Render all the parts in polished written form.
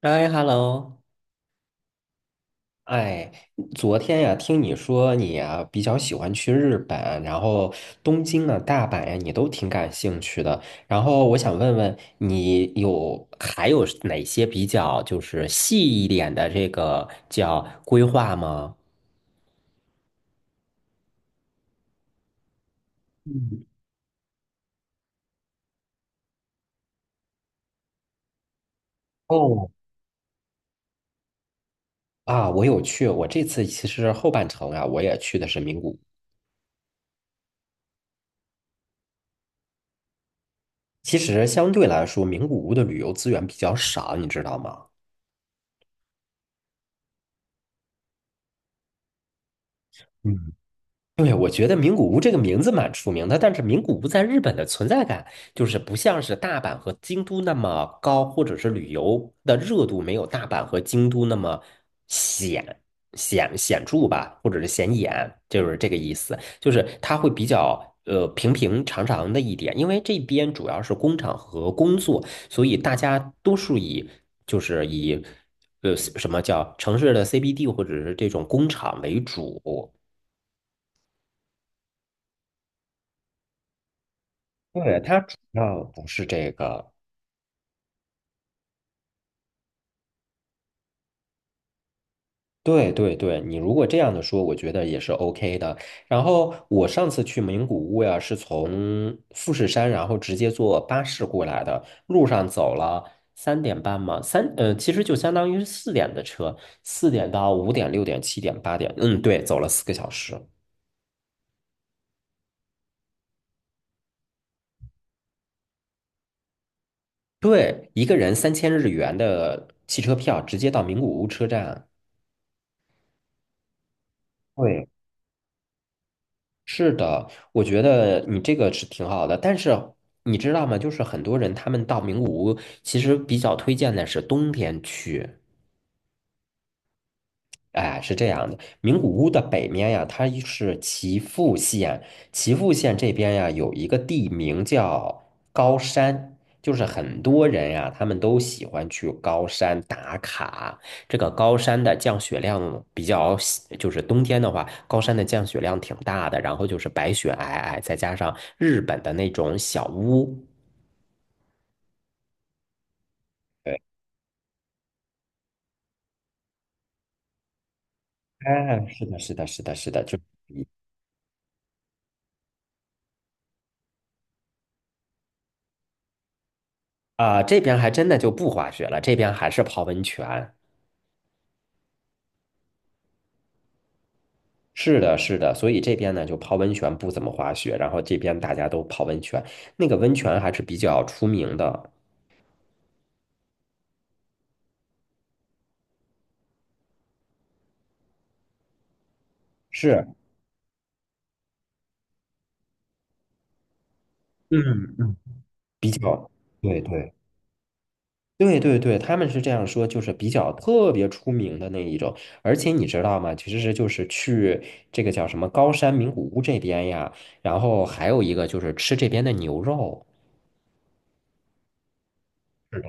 哎，hello，哎，昨天呀，听你说你啊比较喜欢去日本，然后东京啊、大阪呀，你都挺感兴趣的。然后我想问问你有还有哪些比较就是细一点的这个叫规划吗？嗯，哦，啊，我有去，我这次其实后半程啊，我也去的是名古屋。其实相对来说，名古屋的旅游资源比较少，你知道吗？嗯。对，我觉得名古屋这个名字蛮出名的，但是名古屋在日本的存在感就是不像是大阪和京都那么高，或者是旅游的热度没有大阪和京都那么显显著吧，或者是显眼，就是这个意思。就是它会比较平平常常的一点，因为这边主要是工厂和工作，所以大家多数以就是以什么叫城市的 CBD 或者是这种工厂为主。对，它主要不是这个。对对对，你如果这样的说，我觉得也是 OK 的。然后我上次去名古屋呀，是从富士山，然后直接坐巴士过来的，路上走了3点半嘛，其实就相当于是四点的车，4点到5点、6点、7点、8点，嗯，对，走了4个小时。对，一个人3000日元的汽车票，直接到名古屋车站。对，是的，我觉得你这个是挺好的，但是你知道吗？就是很多人他们到名古屋，其实比较推荐的是冬天去。哎，是这样的，名古屋的北面呀，它是岐阜县，岐阜县这边呀有一个地名叫高山，就是很多人呀，他们都喜欢去高山打卡。这个高山的降雪量比较喜就是冬天的话，高山的降雪量挺大的，然后就是白雪皑皑，再加上日本的那种小屋。对，哎，是的，是的，是的，是的，这边还真的就不滑雪了，这边还是泡温泉。是的，是的，所以这边呢就泡温泉不怎么滑雪，然后这边大家都泡温泉，那个温泉还是比较出名的，是，嗯嗯，比较，对对对对对，他们是这样说，就是比较特别出名的那一种，而且你知道吗？其实就是去这个叫什么高山名古屋这边呀，然后还有一个就是吃这边的牛肉，是的，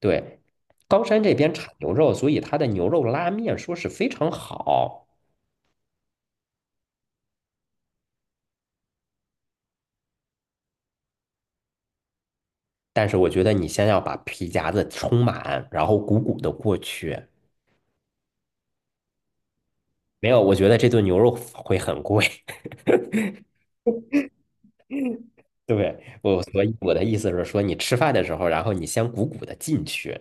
对，高山这边产牛肉，所以它的牛肉拉面说是非常好。但是我觉得你先要把皮夹子充满，然后鼓鼓的过去。没有，我觉得这顿牛肉会很贵。对，我，所以我的意思是说，你吃饭的时候，然后你先鼓鼓的进去。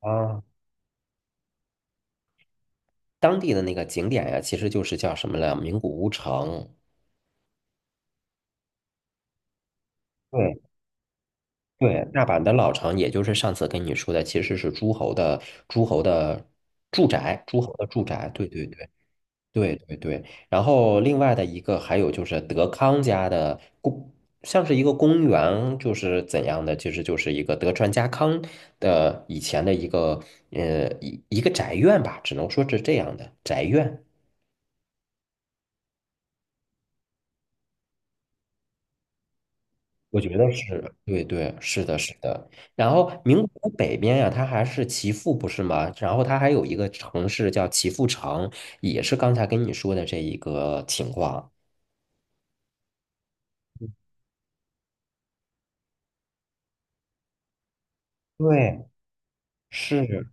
啊，当地的那个景点呀，其实就是叫什么了？名古屋城。对对，大阪的老城，也就是上次跟你说的，其实是诸侯的住宅，诸侯的住宅。对对对。对对对，然后另外的一个还有就是德康家的公，像是一个公园，就是怎样的，其实就是一个德川家康的以前的一个一个宅院吧，只能说是这样的宅院。我觉得是，对对，是的，是的。然后名古屋北边呀、它还是岐阜，不是吗？然后它还有一个城市叫岐阜城，也是刚才跟你说的这一个情况。对，是。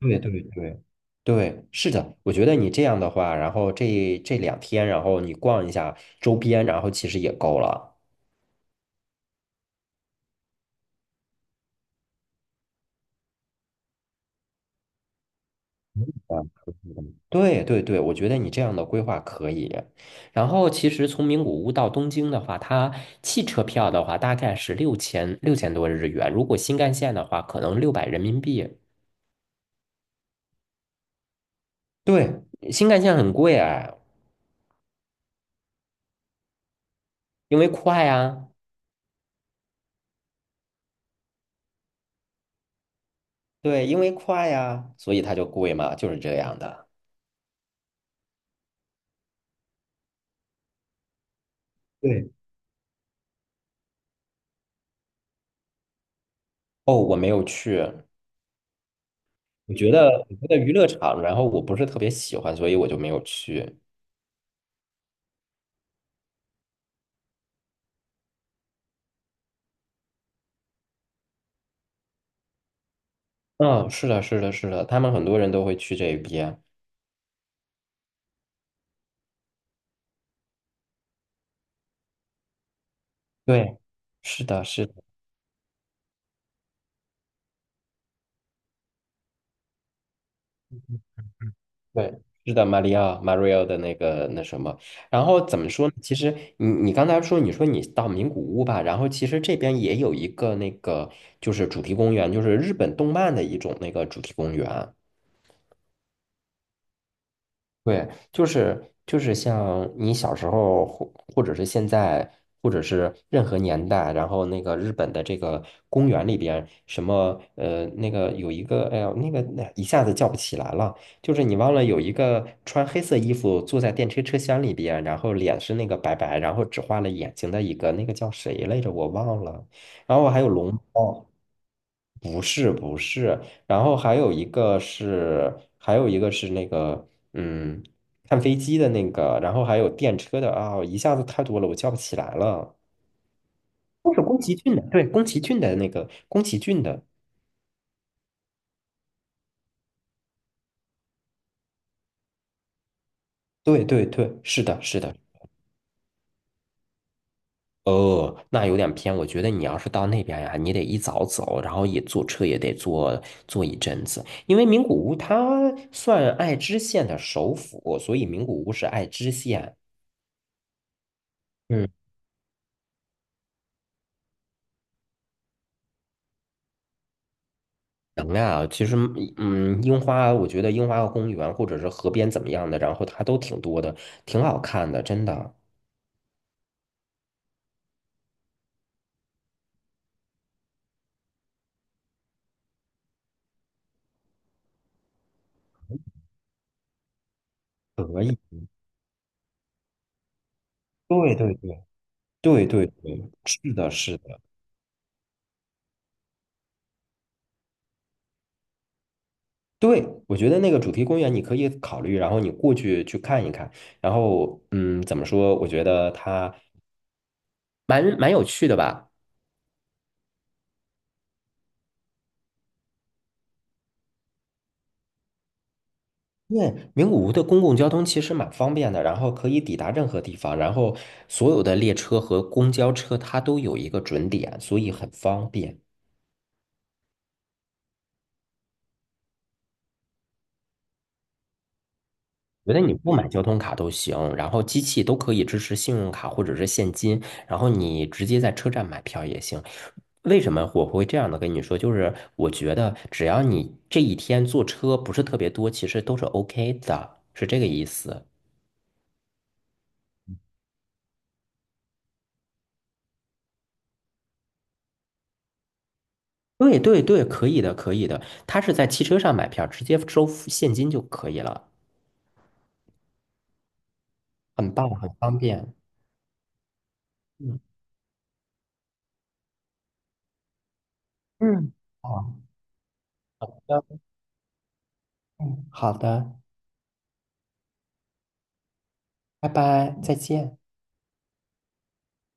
对对对对，是的，我觉得你这样的话，然后这两天，然后你逛一下周边，然后其实也够了。啊，对对对，我觉得你这样的规划可以。然后其实从名古屋到东京的话，它汽车票的话大概是六千多日元，如果新干线的话，可能600人民币。对，新干线很贵哎，因为快啊，对，因为快啊，所以它就贵嘛，就是这样的。对，哦，我没有去。我觉得娱乐场，然后我不是特别喜欢，所以我就没有去。嗯，是的，是的，是的，他们很多人都会去这边。对，是的，是的，对，是的，马里奥，马里奥的那个那什么。然后怎么说呢？其实你刚才说，你说你到名古屋吧，然后其实这边也有一个那个就是主题公园，就是日本动漫的一种那个主题公园。对，就是就是像你小时候，或者是现在，或者是任何年代，然后那个日本的这个公园里边，什么那个有一个，哎呀，那个那一下子叫不起来了，就是你忘了有一个穿黑色衣服坐在电车车厢里边，然后脸是那个白白，然后只画了眼睛的一个，那个叫谁来着？我忘了。然后还有龙猫。不是不是，然后还有一个是，还有一个是那个，嗯，看飞机的那个，然后还有电车的啊，一下子太多了，我叫不起来了。都是宫崎骏的，对，宫崎骏的那个，宫崎骏的，对对对，是的，是的。哦，那有点偏，我觉得你要是到那边呀，你得一早走，然后也坐车也得坐一阵子，因为名古屋它算爱知县的首府，所以名古屋是爱知县。嗯。能啊，其实，嗯，嗯樱花，我觉得樱花公园或者是河边怎么样的，然后它都挺多的，挺好看的，真的。可以。对对对对对对，是的，是的，对，我觉得那个主题公园你可以考虑，然后你过去去看一看，然后，嗯，怎么说？我觉得它蛮有趣的吧。因为名古屋的公共交通其实蛮方便的，然后可以抵达任何地方，然后所有的列车和公交车它都有一个准点，所以很方便。觉得你不买交通卡都行，然后机器都可以支持信用卡或者是现金，然后你直接在车站买票也行。为什么我会这样的跟你说？就是我觉得只要你这一天坐车不是特别多，其实都是 OK 的，是这个意思。对对对，可以的，可以的。他是在汽车上买票，直接收付现金就可以了，很棒，很方便。嗯嗯，好的，嗯好的，拜拜，再见。